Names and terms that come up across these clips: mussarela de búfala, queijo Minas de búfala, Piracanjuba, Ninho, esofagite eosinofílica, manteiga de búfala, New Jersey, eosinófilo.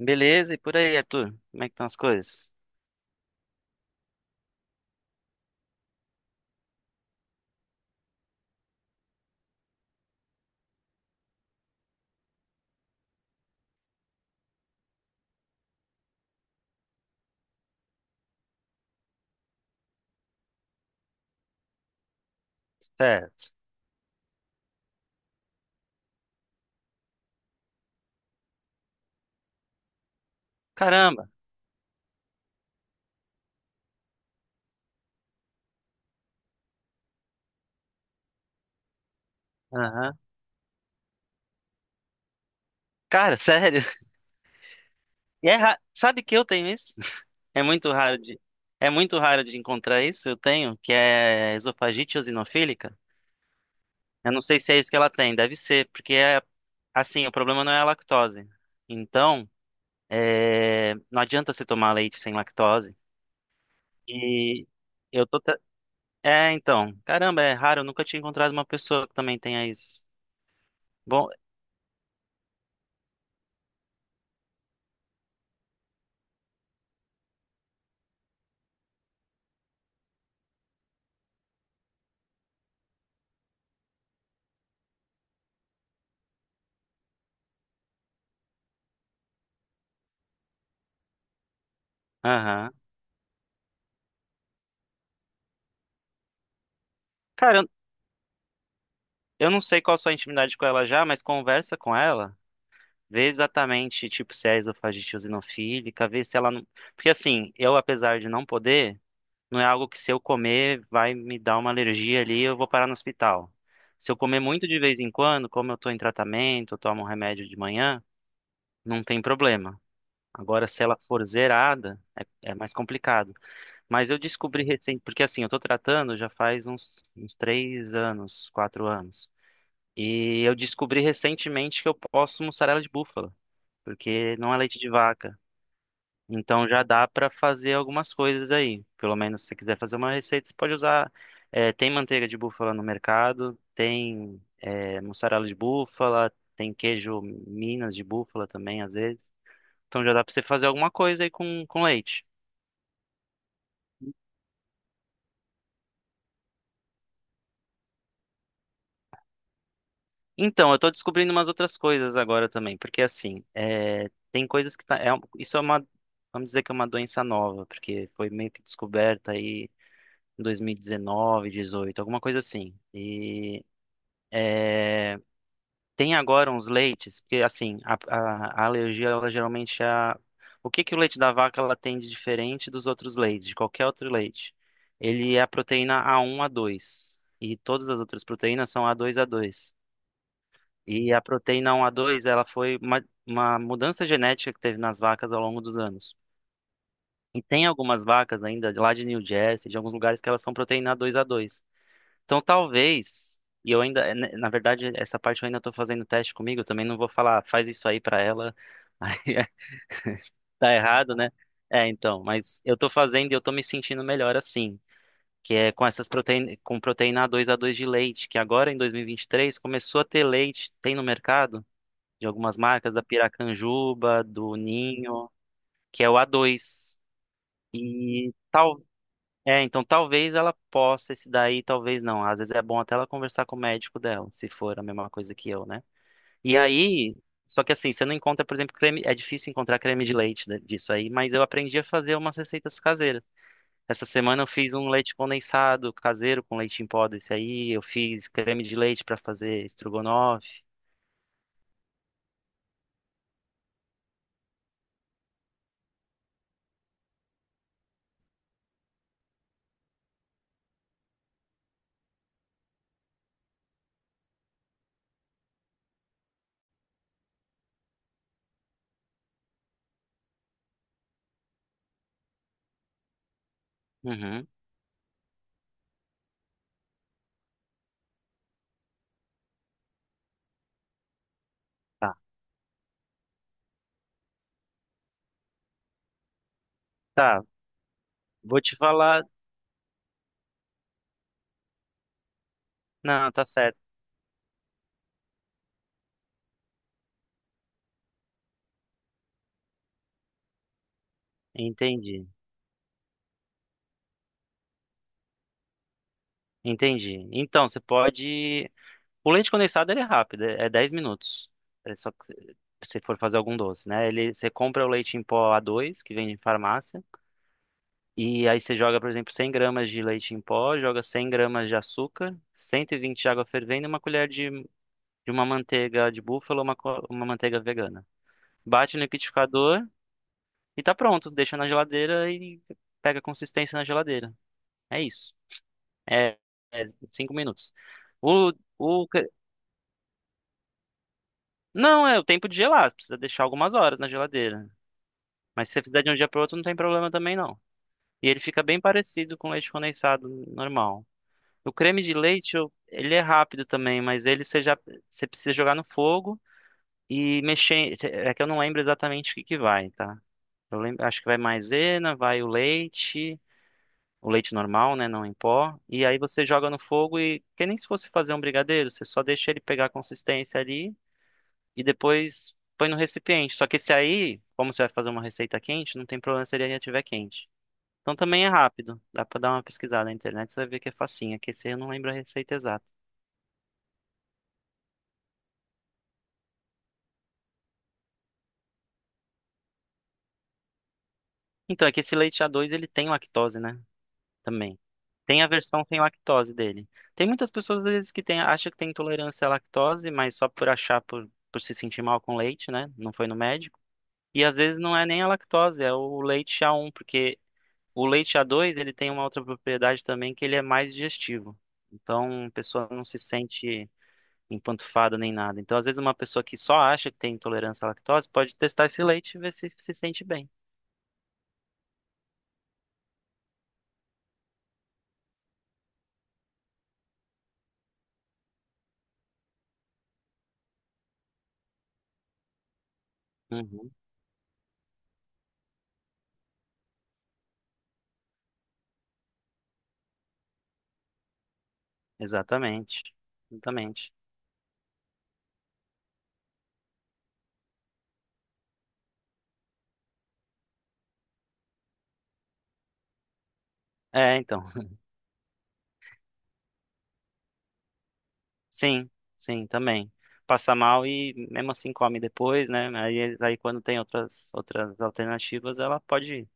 Beleza, e por aí, Arthur? Como é que estão as coisas? Certo. Caramba. Aham. Cara, sério. Sabe que eu tenho isso? É muito raro de... É muito raro de encontrar isso, eu tenho, que é esofagite eosinofílica. Eu não sei se é isso que ela tem, deve ser, porque é assim, o problema não é a lactose. Então, é, não adianta você tomar leite sem lactose. E eu tô. tra- É, então. Caramba, é raro, eu nunca tinha encontrado uma pessoa que também tenha isso. Bom, aham. Cara, eu não sei qual a sua intimidade com ela já, mas conversa com ela. Vê exatamente, tipo, se é esofagite eosinofílica, vê se ela não... Porque assim, eu, apesar de não poder, não é algo que se eu comer vai me dar uma alergia ali e eu vou parar no hospital. Se eu comer muito de vez em quando, como eu tô em tratamento, eu tomo um remédio de manhã, não tem problema. Agora, se ela for zerada, é, é mais complicado. Mas eu descobri recente, porque assim, eu tô tratando já faz uns 3 anos, 4 anos. E eu descobri recentemente que eu posso mussarela de búfala, porque não é leite de vaca. Então já dá para fazer algumas coisas aí. Pelo menos se você quiser fazer uma receita, você pode usar. Tem manteiga de búfala no mercado, tem mussarela de búfala, tem queijo Minas de búfala também, às vezes. Então já dá para você fazer alguma coisa aí com leite. Então, eu tô descobrindo umas outras coisas agora também, porque assim, é, tem coisas que tá, isso é uma, vamos dizer que é uma doença nova, porque foi meio que descoberta aí em 2019, 18, alguma coisa assim. E tem agora uns leites, porque assim, a alergia, ela geralmente é a, o que que o leite da vaca ela tem de diferente dos outros leites, de qualquer outro leite? Ele é a proteína A1, A2, e todas as outras proteínas são A2, A2. E a proteína 1A2, ela foi uma mudança genética que teve nas vacas ao longo dos anos. E tem algumas vacas ainda, de lá de New Jersey, de alguns lugares que elas são proteína 2A2. Então talvez, e eu ainda, né, na verdade, essa parte eu ainda estou fazendo teste comigo, eu também não vou falar, "Ah, faz isso aí para ela". aí é- tá errado, né? É, então, mas eu tô fazendo e eu tô me sentindo melhor assim, que é com essas proteína, com proteína 2A2 de leite, que agora em 2023 começou a ter leite, tem no mercado, de algumas marcas, da Piracanjuba, do Ninho, que é o A2. E tal, é, então talvez ela possa esse daí, talvez não. Às vezes é bom até ela conversar com o médico dela, se for a mesma coisa que eu, né? E aí, só que assim, você não encontra, por exemplo, creme, é difícil encontrar creme de leite disso aí, mas eu aprendi a fazer umas receitas caseiras. Essa semana eu fiz um leite condensado caseiro com leite em pó desse aí, eu fiz creme de leite para fazer estrogonofe. Uhum, tá. Tá, vou te falar. Não, tá certo. Entendi, entendi. Então, você pode. O leite condensado ele é rápido, é 10 minutos. É só que se você for fazer algum doce, né? Ele, você compra o leite em pó a dois, que vem em farmácia, e aí você joga, por exemplo, 100 gramas de leite em pó, joga 100 gramas de açúcar, 120 de água fervendo e uma colher de uma manteiga de búfalo ou uma manteiga vegana. Bate no liquidificador e tá pronto. Deixa na geladeira e pega consistência na geladeira. É isso. É, é 5 minutos. O, o, ca- não, é o tempo de gelar. Você precisa deixar algumas horas na geladeira. Mas se você fizer de um dia para outro, não tem problema também, não. E ele fica bem parecido com leite condensado normal. O creme de leite, ele é rápido também, mas ele você já você precisa jogar no fogo e mexer. É que eu não lembro exatamente o que que vai, tá? Eu lembro, acho que vai maisena, vai o leite. O leite normal, né, não em pó, e aí você joga no fogo e que nem se fosse fazer um brigadeiro, você só deixa ele pegar a consistência ali e depois põe no recipiente. Só que esse aí, como você vai fazer uma receita quente, não tem problema se ele ainda estiver quente. Então também é rápido, dá pra dar uma pesquisada na internet, você vai ver que é facinho. É que esse aí eu não lembro a receita exata. Então, é que esse leite a dois ele tem lactose, né? Também. Tem a versão sem lactose dele. Tem muitas pessoas, às vezes, que tem, acham que tem intolerância à lactose, mas só por achar, por se sentir mal com leite, né? Não foi no médico. E às vezes não é nem a lactose, é o leite a um porque o leite a dois ele tem uma outra propriedade também que ele é mais digestivo. Então a pessoa não se sente empantufada nem nada. Então às vezes uma pessoa que só acha que tem intolerância à lactose pode testar esse leite e ver se se sente bem. Uhum, exatamente, exatamente. É, então, sim, sim, também. Passa mal e mesmo assim come depois, né? Aí, aí quando tem outras, outras alternativas, ela pode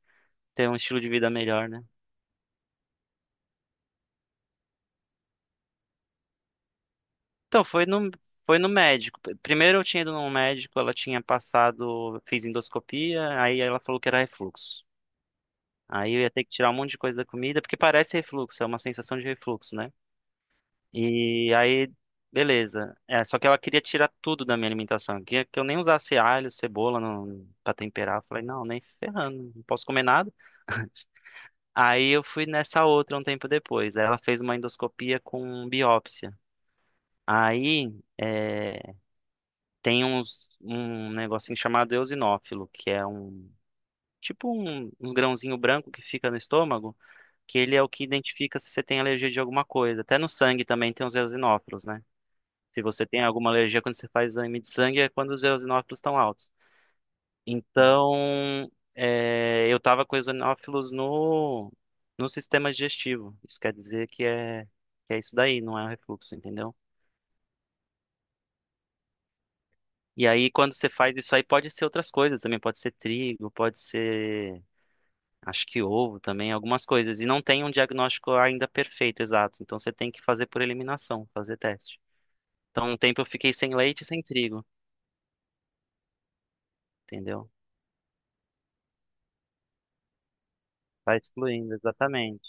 ter um estilo de vida melhor, né? Então, foi no médico. Primeiro eu tinha ido num médico, ela tinha passado, fiz endoscopia, aí ela falou que era refluxo. Aí eu ia ter que tirar um monte de coisa da comida, porque parece refluxo, é uma sensação de refluxo, né? E aí, beleza. É, só que ela queria tirar tudo da minha alimentação. Queria que eu nem usasse alho, cebola não, pra temperar. Eu falei, não, nem ferrando, não posso comer nada. Aí eu fui nessa outra um tempo depois. Aí ela fez uma endoscopia com biópsia. Aí. É, tem uns, um negocinho chamado eosinófilo, que é um tipo um, uns grãozinho branco que fica no estômago, que ele é o que identifica se você tem alergia de alguma coisa. Até no sangue também tem os eosinófilos, né? Se você tem alguma alergia quando você faz exame de sangue, é quando os eosinófilos estão altos. Então, é, eu tava com eosinófilos no sistema digestivo. Isso quer dizer que é isso daí, não é um refluxo, entendeu? E aí, quando você faz isso aí, pode ser outras coisas também. Pode ser trigo, pode ser acho que ovo também, algumas coisas. E não tem um diagnóstico ainda perfeito, exato. Então você tem que fazer por eliminação, fazer teste. Então, um tempo eu fiquei sem leite e sem trigo, entendeu? Vai excluindo, exatamente.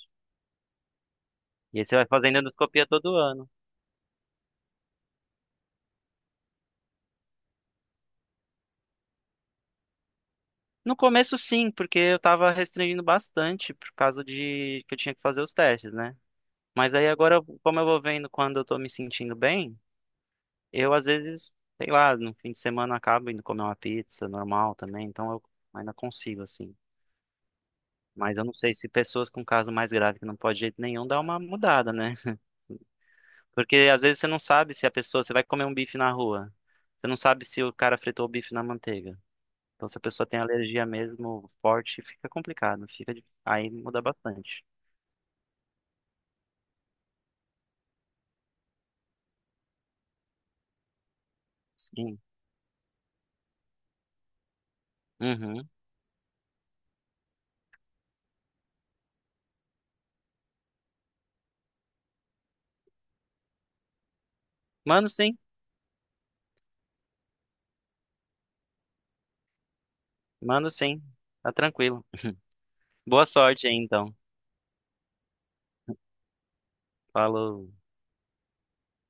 E aí você vai fazendo endoscopia todo ano. No começo, sim, porque eu tava restringindo bastante por causa de que eu tinha que fazer os testes, né? Mas aí agora, como eu vou vendo quando eu tô me sentindo bem, eu às vezes, sei lá, no fim de semana acabo indo comer uma pizza normal também, então eu ainda consigo, assim. Mas eu não sei se pessoas com caso mais grave que não pode de jeito nenhum dá uma mudada, né? Porque às vezes você não sabe se a pessoa, você vai comer um bife na rua, você não sabe se o cara fritou o bife na manteiga. Então se a pessoa tem alergia mesmo forte, fica complicado, aí muda bastante. Sim. Uhum. Mano, sim. Mano, sim. Tá tranquilo. Boa sorte aí então. Falou.